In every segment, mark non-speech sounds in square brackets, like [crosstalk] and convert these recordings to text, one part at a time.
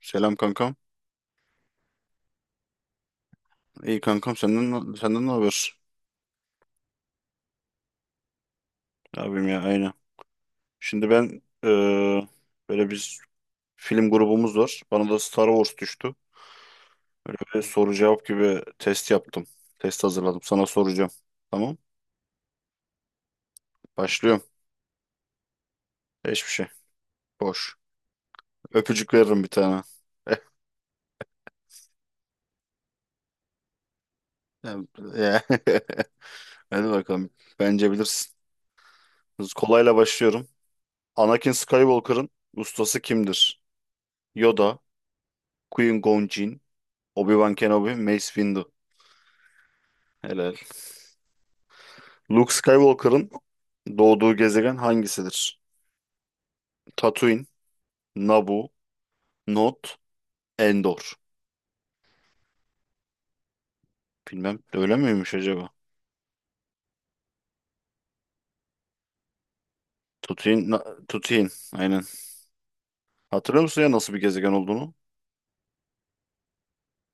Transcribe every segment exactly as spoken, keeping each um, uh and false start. Selam kankam. İyi kankam senden ne- senden ne haber? Abim ya. Aynen. Şimdi ben eee, böyle biz film grubumuz var. Bana da Star Wars düştü. Böyle bir soru cevap gibi test yaptım. Test hazırladım. Sana soracağım. Tamam. Başlıyorum. Hiçbir şey. Boş. Öpücük veririm bir tane. [laughs] Ya- ya. [laughs] Hadi bakalım. Bence bilirsin. Biz kolayla başlıyorum. Anakin Skywalker'ın ustası kimdir? Yoda, Qui-Gon Jinn, Obi-Wan Kenobi, Mace Windu. Helal. Luke Skywalker'ın doğduğu gezegen hangisidir? Tatooine, Naboo, Not, Endor. Bilmem öyle miymiş acaba? Tatooine, Na- Tatooine aynen. Hatırlıyor musun ya nasıl bir gezegen olduğunu?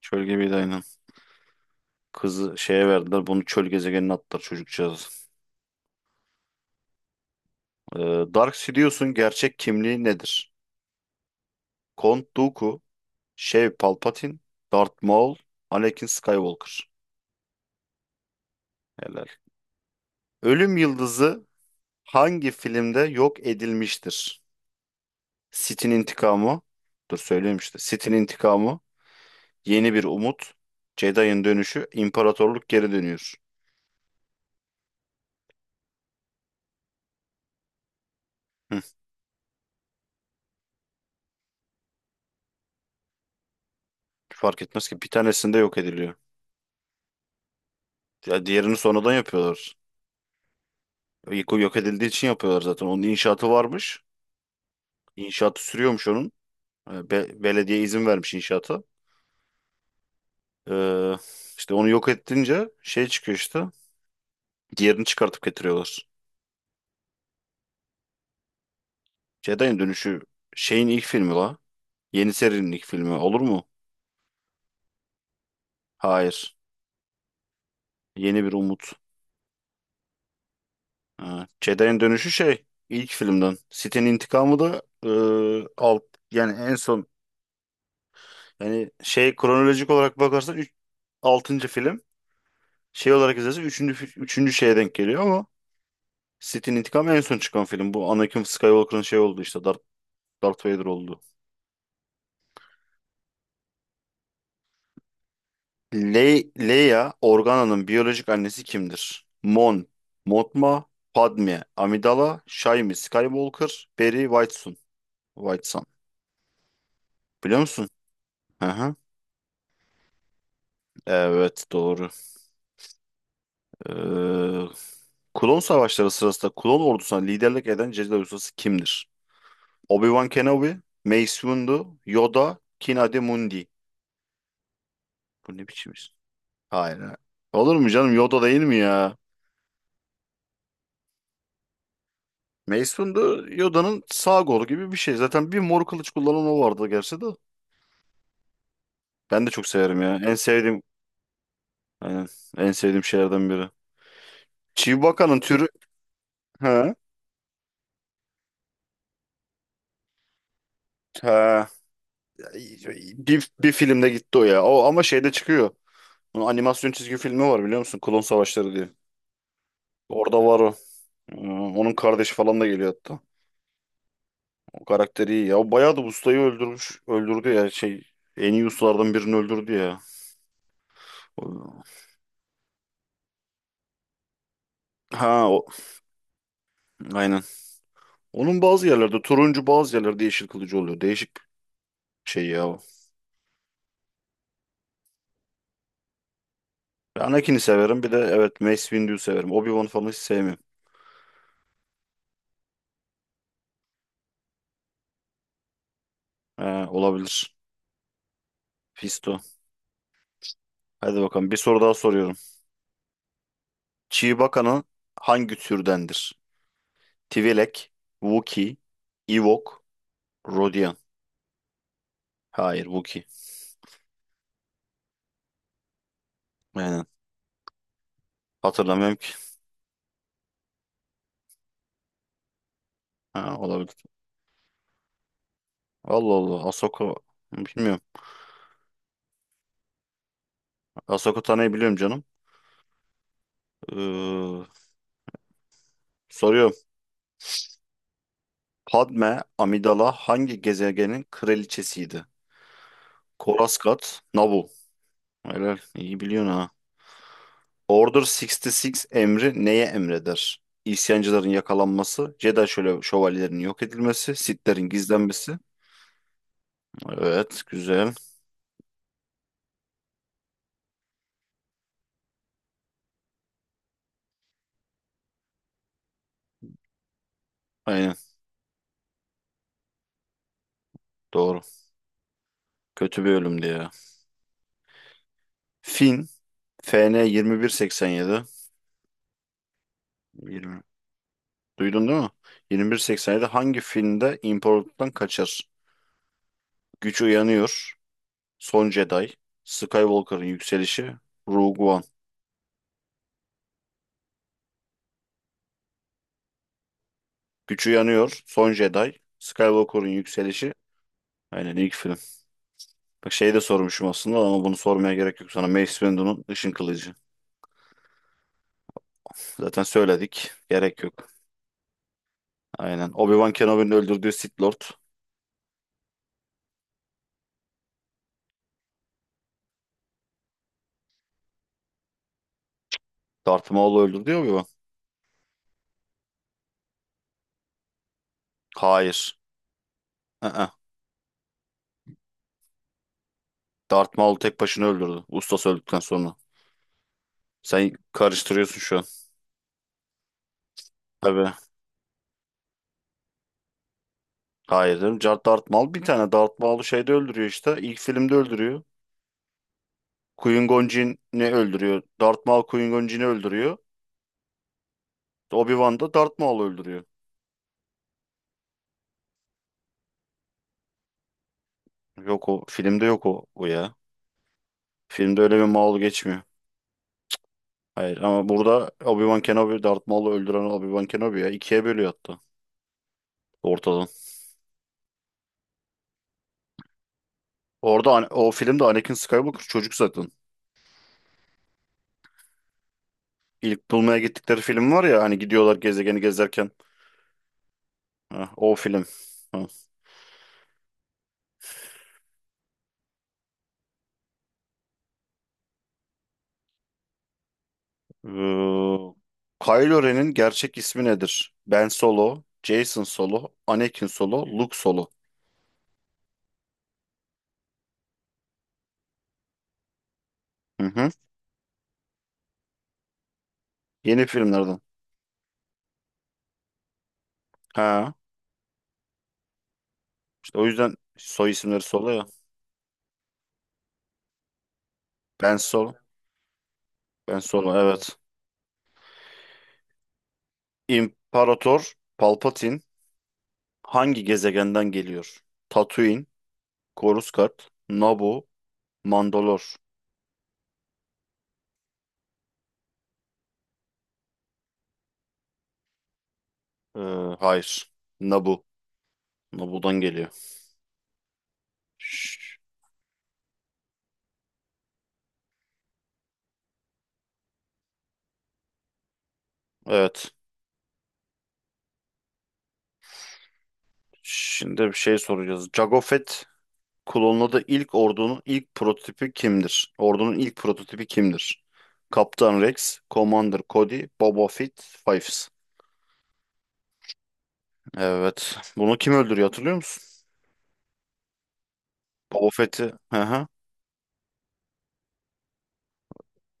Çöl gibiydi aynen. Kızı şeye verdiler bunu çöl gezegenine attılar çocukcağız. Ee, Dark Sidious'un gerçek kimliği nedir? Count Dooku, Sheev Palpatine, Darth Maul, Anakin Skywalker. Helal. Ölüm Yıldızı hangi filmde yok edilmiştir? Sith'in intikamı. Dur söyleyeyim işte. Sith'in intikamı. Yeni bir umut. Jedi'ın dönüşü. İmparatorluk geri dönüyor. Hı, fark etmez ki bir tanesinde yok ediliyor. Ya diğerini sonradan yapıyorlar. İlk o yok edildiği için yapıyorlar zaten. Onun inşaatı varmış. İnşaatı sürüyormuş onun. E, Be belediye izin vermiş inşaata. Ee, işte onu yok ettince şey çıkıyor işte. Diğerini çıkartıp getiriyorlar. Jedi'ın dönüşü şeyin ilk filmi la. Yeni serinin ilk filmi olur mu? Hayır. Yeni bir umut. Ha, Jedi'nin dönüşü şey ilk filmden. Sith'in intikamı da e, alt yani en son yani şey kronolojik olarak bakarsan üç altıncı film şey olarak izlersen 3. üçüncü şeye denk geliyor ama Sith'in intikamı en son çıkan film. Bu Anakin Skywalker'ın şey oldu işte Darth, Darth Vader oldu. Le Leia Organa'nın biyolojik annesi kimdir? Mon, Mothma, Padme, Amidala, Shaimi Skywalker, Beri Whitesun. Whitesun. Biliyor musun? Hı hı. Evet doğru. Ee, Klon Savaşları sırasında klon ordusuna liderlik eden Jedi ustası kimdir? Obi-Wan Kenobi, Mace Windu, Yoda, Ki-Adi Mundi. Bu ne biçim isim? Hayır. hayır. Olur mu canım Yoda değil mi ya? Mace Windu Yoda'nın sağ kolu gibi bir şey. Zaten bir mor kılıç kullanan o vardı gerçi de. Ben de çok severim ya. En sevdiğim aynen, en sevdiğim şeylerden biri. Chewbacca'nın türü ha, ha. Bir, bir filmde gitti o ya. O ama şeyde çıkıyor. Bunun animasyon çizgi filmi var biliyor musun? Klon Savaşları diye. Orada var o. Ee, onun kardeşi falan da geliyor hatta. O karakteri iyi ya. O bayağı da ustayı öldürmüş. Öldürdü ya şey. En iyi ustalardan birini öldürdü ya. O- Ha o. Aynen. Onun bazı yerlerde turuncu bazı yerlerde yeşil kılıcı oluyor. Değişik şey ya o. Ben Anakin'i severim. Bir de evet Mace Windu'yu severim. Obi-Wan falan hiç sevmiyorum. He, olabilir. Fisto. Hadi bakalım. Bir soru daha soruyorum. Chewbacca'nın hangi türdendir? Twi'lek, Wookiee, Ewok, Rodian. Hayır Wookiee. Aynen. Hatırlamıyorum ki. Ha, olabilir. Allah Allah. Ahsoka. Bilmiyorum. Ahsoka Tano'yu biliyorum canım. Ee, soruyorum. Padme Amidala hangi gezegenin kraliçesiydi? Coruscant, Naboo. Helal. İyi biliyorsun ha. Order altmış altı emri neye emreder? İsyancıların yakalanması, Jedi şöyle şövalyelerinin yok edilmesi, Sith'lerin gizlenmesi. Evet, güzel. Aynen, doğru. Kötü bir ölümdü ya. Finn F N yedi. Yirmi. Duydun değil mi? Yirmi bir seksen yedi. Hangi filmde imparatorluktan kaçar? Güç Uyanıyor, Son Jedi, Skywalker'ın Yükselişi, Rogue One. Güç Uyanıyor, Son Jedi, Skywalker'ın Yükselişi. Aynen ilk film. Bak şeyi de sormuşum aslında ama bunu sormaya gerek yok sana. Mace Windu'nun Işın Kılıcı. Zaten söyledik. Gerek yok. Aynen. Obi-Wan Kenobi'nin öldürdüğü Sith Lord. Darth Maul'u öldürdü ya Obi-Wan. Hayır. Hı hı. Darth Maul tek başına öldürdü. Ustası öldükten sonra. Sen karıştırıyorsun şu an. Tabii. Hayır canım. Jar Darth Maul bir tane Darth Maul'u şeyde öldürüyor işte. İlk filmde öldürüyor. Qui-Gon Jinn'i öldürüyor. Darth Maul Qui-Gon Jinn'i öldürüyor. Obi-Wan da Darth Maul'u öldürüyor. Yok o. Filmde yok o, o ya. Filmde öyle bir Maul geçmiyor. Hayır ama burada Obi-Wan Kenobi Darth Maul'u öldüren Obi-Wan Kenobi ya. İkiye bölüyor hatta ortadan. Orada Ana- o filmde Anakin Skywalker çocuk zaten. İlk bulmaya gittikleri film var ya hani gidiyorlar gezegeni gezerken. Ha, o film. Ha. Ee, Kylo Ren'in gerçek ismi nedir? Ben Solo, Jason Solo, Anakin Solo, Luke Solo. Hı hı. Yeni filmlerden. Ha, işte o yüzden soy isimleri Solo ya. Ben Solo. Ben Solo evet. İmparator Palpatine hangi gezegenden geliyor? Tatooine, Coruscant, Naboo, Mandalor. Ee, hayır. Naboo. Naboo'dan geliyor. Şş, evet. Şimdi bir şey soracağız. Jango Fett Klonladığı ilk ordunun ilk prototipi kimdir? Ordunun ilk prototipi kimdir? Kaptan Rex, Commander Cody, Boba Fett, Fives. Evet. Bunu kim öldürüyor hatırlıyor musun? Boba Fett'i. Hı hı.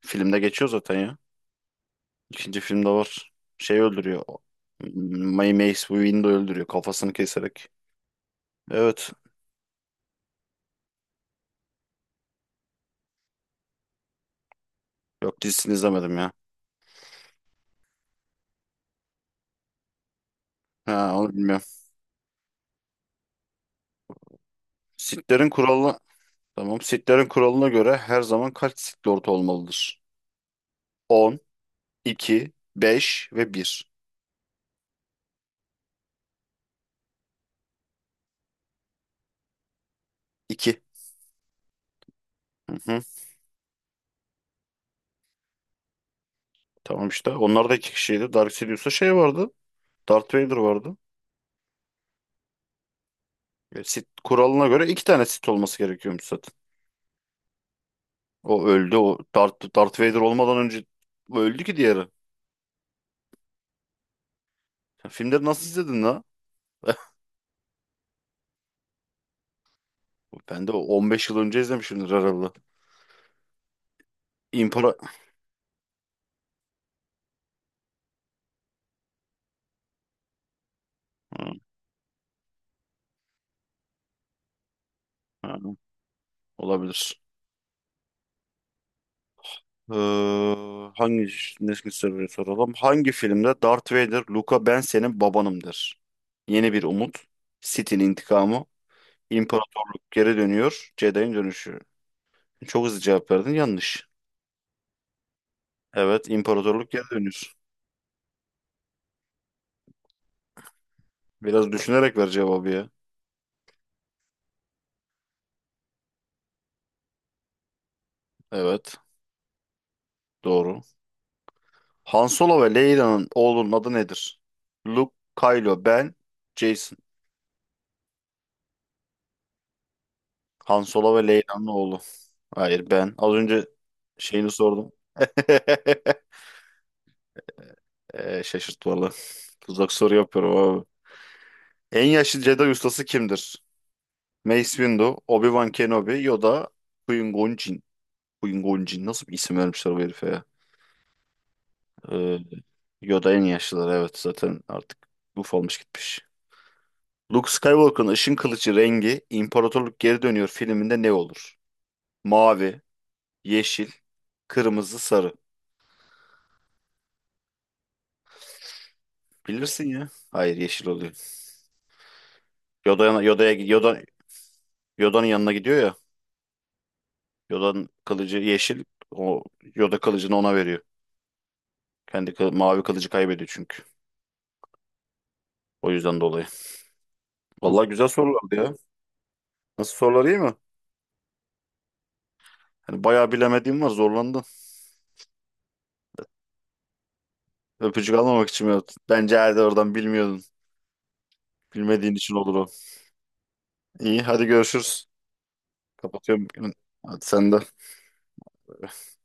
Filmde geçiyor zaten ya. İkinci filmde var. Şey öldürüyor. May Mace Windu öldürüyor kafasını keserek. Evet. Yok dizisini izlemedim ya. Ha onu bilmiyorum. Sith'lerin kuralına. Tamam. Sith'lerin kuralına göre her zaman kaç Sith Lord olmalıdır? On, iki, beş ve bir. İki. Hı hı. Tamam işte. Onlar da iki kişiydi. Dark Sidious'ta şey vardı. Darth Vader vardı. E, Sith kuralına göre iki tane Sith olması gerekiyormuş zaten. O öldü. O Darth, Darth Vader olmadan önce o öldü ki diğeri. Sen filmleri nasıl izledin la? [laughs] Ben de o on beş yıl önce izlemişimdir herhalde. İmpara... Ha, ha, olabilir. Ee, hangi nesli soruyu soralım? Hangi filmde Darth Vader, Luka ben senin babanım der? Yeni bir umut. Sith'in intikamı. İmparatorluk geri dönüyor. Jedi'in dönüşü. Çok hızlı cevap verdin. Yanlış. Evet, imparatorluk geri dönüyor. Biraz düşünerek ver cevabı ya. Evet, doğru. Han Solo ve Leyla'nın oğlunun adı nedir? Luke, Kylo, Ben, Jason. Han Solo ve Leyla'nın oğlu. Hayır, Ben. Az önce şeyini sordum. [laughs] Ee, şaşırt valla. Tuzak soru yapıyorum abi. En yaşlı Jedi ustası kimdir? Mace Windu, Obi-Wan Kenobi, Yoda, Qui-Gon Jinn. Queen Gonjin nasıl bir isim vermişler bu herife ya? Ee, Yoda en yaşlıları evet zaten artık ufalmış gitmiş. Luke Skywalker'ın ışın kılıcı rengi İmparatorluk Geri Dönüyor filminde ne olur? Mavi, yeşil, kırmızı, sarı. Bilirsin ya. Hayır yeşil oluyor. Yoda, Yoda'ya Yoda, Yoda'nın yanına gidiyor ya. Yoda'nın kılıcı yeşil. O Yoda kılıcını ona veriyor. Kendi kıl- mavi kılıcı kaybediyor çünkü. O yüzden dolayı. Vallahi güzel sorulardı ya. Nasıl sorular iyi mi? Hani bayağı bilemediğim var zorlandım. Öpücük almamak için mi yaptın? Bence herhalde oradan bilmiyordun. Bilmediğin için olur o. İyi hadi görüşürüz. Kapatıyorum. Hadi sen de.